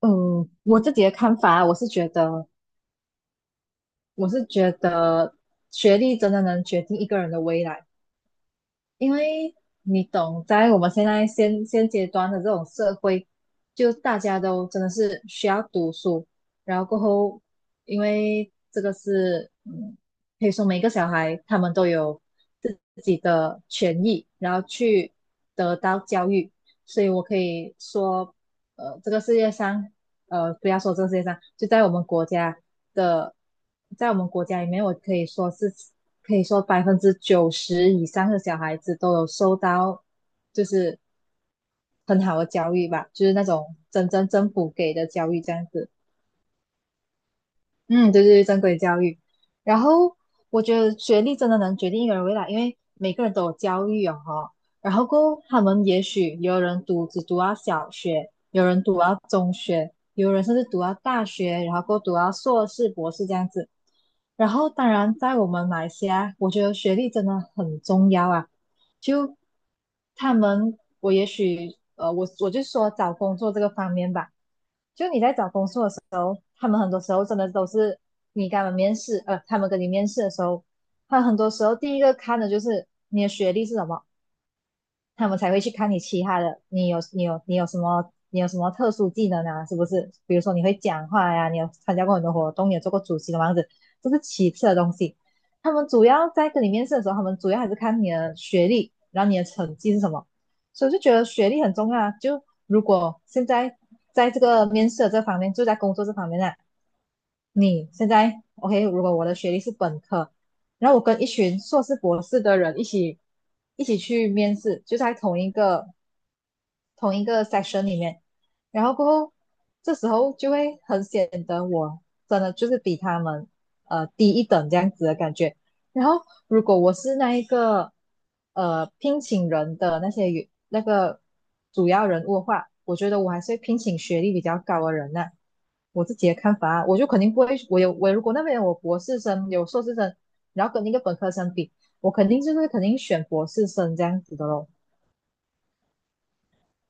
嗯，我自己的看法啊，我是觉得学历真的能决定一个人的未来。因为你懂，在我们现在现现阶段的这种社会，就大家都真的是需要读书，然后过后，因为这个是，嗯，可以说每个小孩他们都有自己的权益，然后去得到教育，所以我可以说，这个世界上，不要说这个世界上，就在我们国家的，在我们国家里面，我可以说是。可以说90%以上的小孩子都有受到就是很好的教育吧，就是那种真正政府给的教育这样子。嗯，对对对，正规教育。然后我觉得学历真的能决定一个人未来，因为每个人都有教育哦吼。然后过后他们也许有人读只读到小学，有人读到中学，有人甚至读到大学，然后过后读到硕士、博士这样子。然后当然，在我们马来西亚，我觉得学历真的很重要啊。就他们，我也许我就说找工作这个方面吧。就你在找工作的时候。他们很多时候真的都是你跟他们面试，他们跟你面试的时候，他很多时候第一个看的就是你的学历是什么，他们才会去看你其他的，你有什么特殊技能啊，是不是？比如说你会讲话呀、你有参加过很多活动，你有做过主席的样子，这是其次的东西。他们主要在跟你面试的时候，他们主要还是看你的学历，然后你的成绩是什么。所以就觉得学历很重要啊。就如果现在在这个面试的这方面，就在工作这方面呢。啊你现在 OK，如果我的学历是本科，然后我跟一群硕士、博士的人一起去面试，就在同一个 section 里面，然后过后这时候就会很显得我真的就是比他们低一等这样子的感觉。然后如果我是那一个聘请人的那些那个主要人物的话，我觉得我还是会聘请学历比较高的人呢。我自己的看法啊，我就肯定不会，我如果那边有博士生有硕士生，然后跟那个本科生比，我肯定就是肯定选博士生这样子的咯。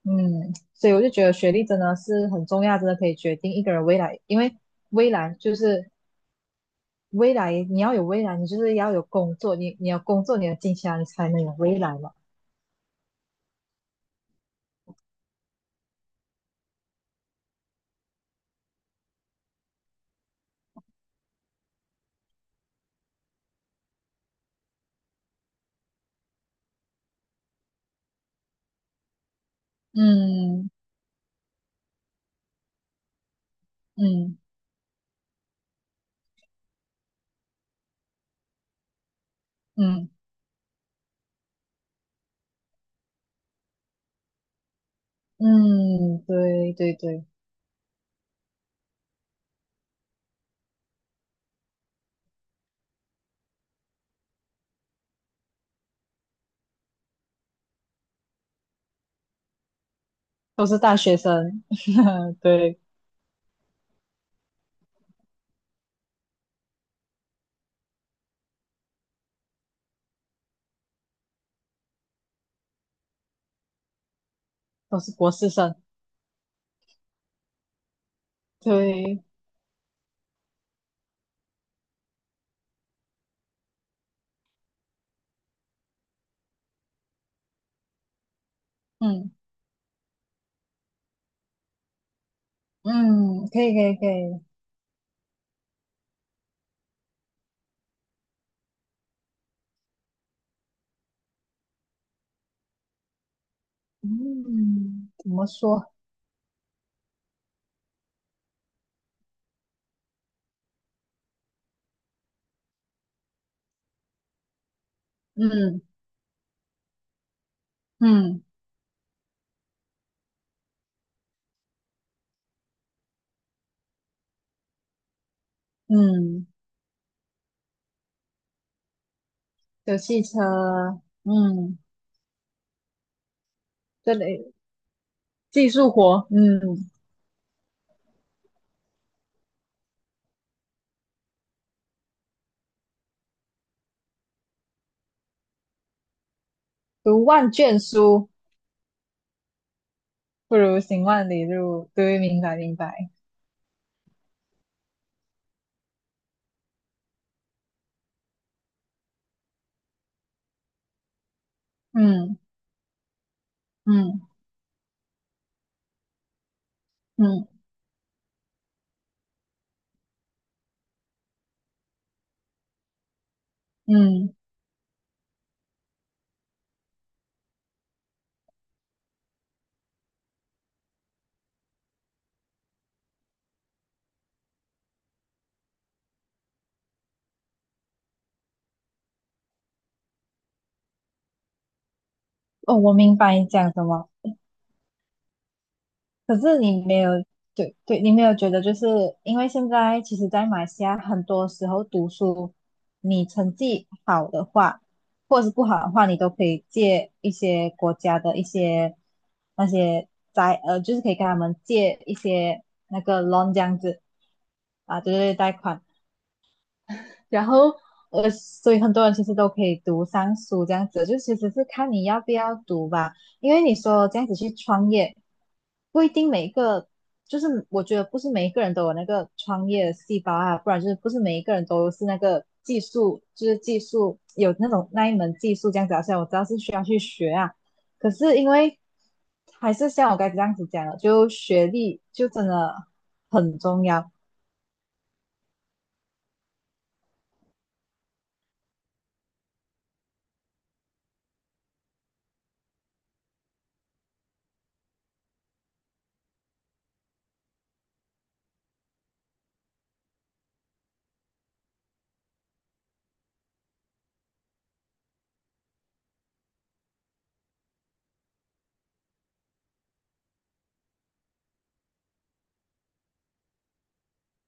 嗯，所以我就觉得学历真的是很重要，真的可以决定一个人未来，因为未来就是未来，你要有未来，你就是要有工作，你要工作，你要金钱啊，你才能有未来嘛。嗯嗯嗯嗯，对对对，都是大学生，对，都是博士生，对，嗯嗯，可以可以可以，嗯，怎么说？嗯嗯嗯，有汽车，嗯，这里。技术活，嗯，读万卷书不如行万里路。对，明白明白，嗯嗯嗯嗯，哦，我明白你讲什么。可是你没有，对对，你没有觉得就是因为现在其实，在马来西亚很多时候读书，你成绩好的话，或者是不好的话，你都可以借一些国家的一些那些债，就是可以跟他们借一些那个 loan 这样子啊，对对对贷款。然后所以很多人其实都可以读上书这样子，就其实是看你要不要读吧。因为你说这样子去创业，不一定每一个，就是我觉得不是每一个人都有那个创业的细胞啊，不然就是不是每一个人都是那个技术，就是技术有那种那一门技术这样子啊。虽然我知道是需要去学啊，可是因为还是像我刚才这样子讲的，就学历就真的很重要，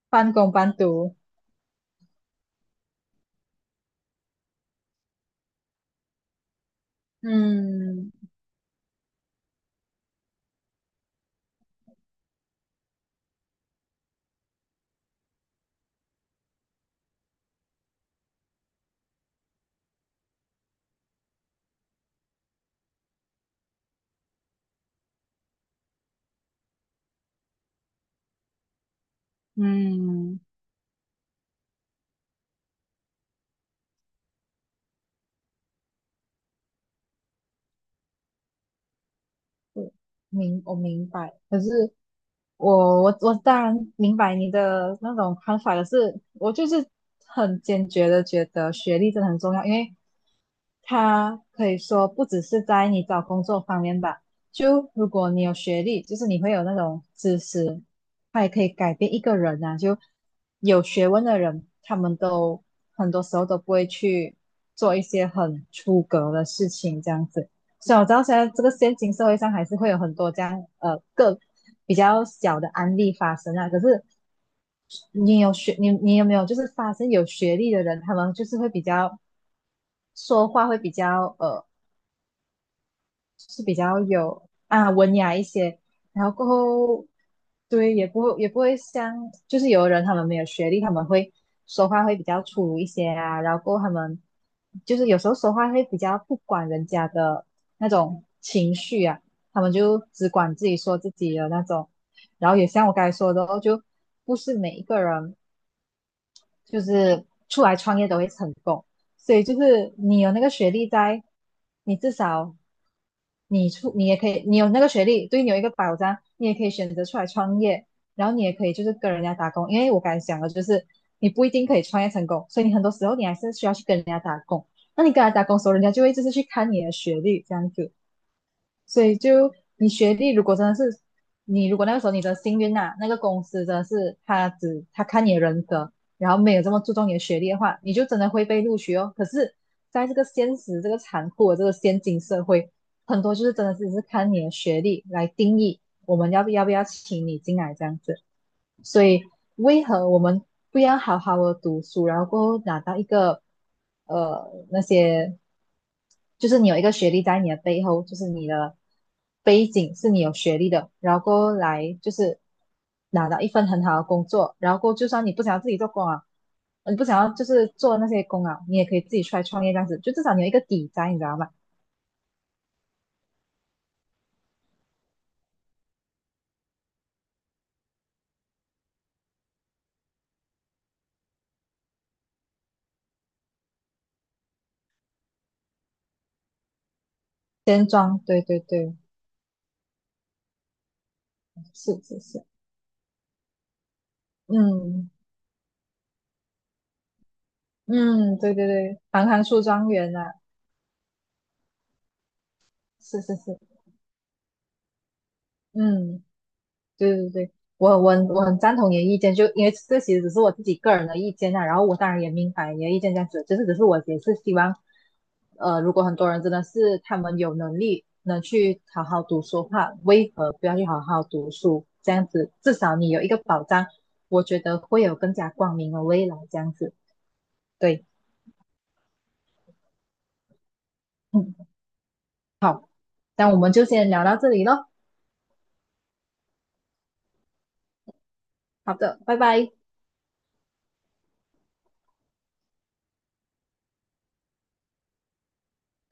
半工半读。嗯，嗯，我我明白，可是我当然明白你的那种看法，可是我就是很坚决的觉得学历真的很重要，因为他可以说不只是在你找工作方面吧，就如果你有学历，就是你会有那种知识，他也可以改变一个人啊，就有学问的人，他们都很多时候都不会去做一些很出格的事情，这样子。所以我知道现在这个现今社会上还是会有很多这样个比较小的案例发生啊。可是你有没有就是发生有学历的人，他们就是会比较说话会比较啊文雅一些，然后过后对也不会像就是有的人他们没有学历，他们会说话会比较粗鲁一些啊，然后过后他们就是有时候说话会比较不管人家的那种情绪啊，他们就只管自己说自己的那种，然后也像我刚才说的哦，就不是每一个人就是出来创业都会成功，所以就是你有那个学历在，你至少。你出你也可以，你有那个学历，对你有一个保障，你也可以选择出来创业，然后你也可以就是跟人家打工，因为我刚才讲了，就是你不一定可以创业成功，所以你很多时候你还是需要去跟人家打工。那你跟人家打工的时候，人家就会就是去看你的学历这样子。所以就你学历如果真的是你如果那个时候你的幸运呐、那个公司真的是他看你的人格，然后没有这么注重你的学历的话，你就真的会被录取哦。可是，在这个现实这个残酷的这个现今社会，很多就是真的只是看你的学历来定义我们要不要请你进来这样子。所以为何我们不要好好的读书，然后过后拿到一个那些，就是你有一个学历在你的背后，就是你的背景是你有学历的，然后过后来就是拿到一份很好的工作，然后过后就算你不想要自己做工啊，你不想要就是做那些工啊，你也可以自己出来创业这样子，就至少你有一个底在，你知道吗？先装，对对对，是是是，嗯嗯，对对对，行行出状元啊，是是是。嗯，对对对，我很赞同你的意见，就因为这其实只是我自己个人的意见啊，然后我当然也明白你的意见这样子，就是只是我也是希望，如果很多人真的是他们有能力能去好好读书的话，为何不要去好好读书？这样子至少你有一个保障，我觉得会有更加光明的未来这样子。对，嗯，好，那我们就先聊到这里咯。好的，拜拜。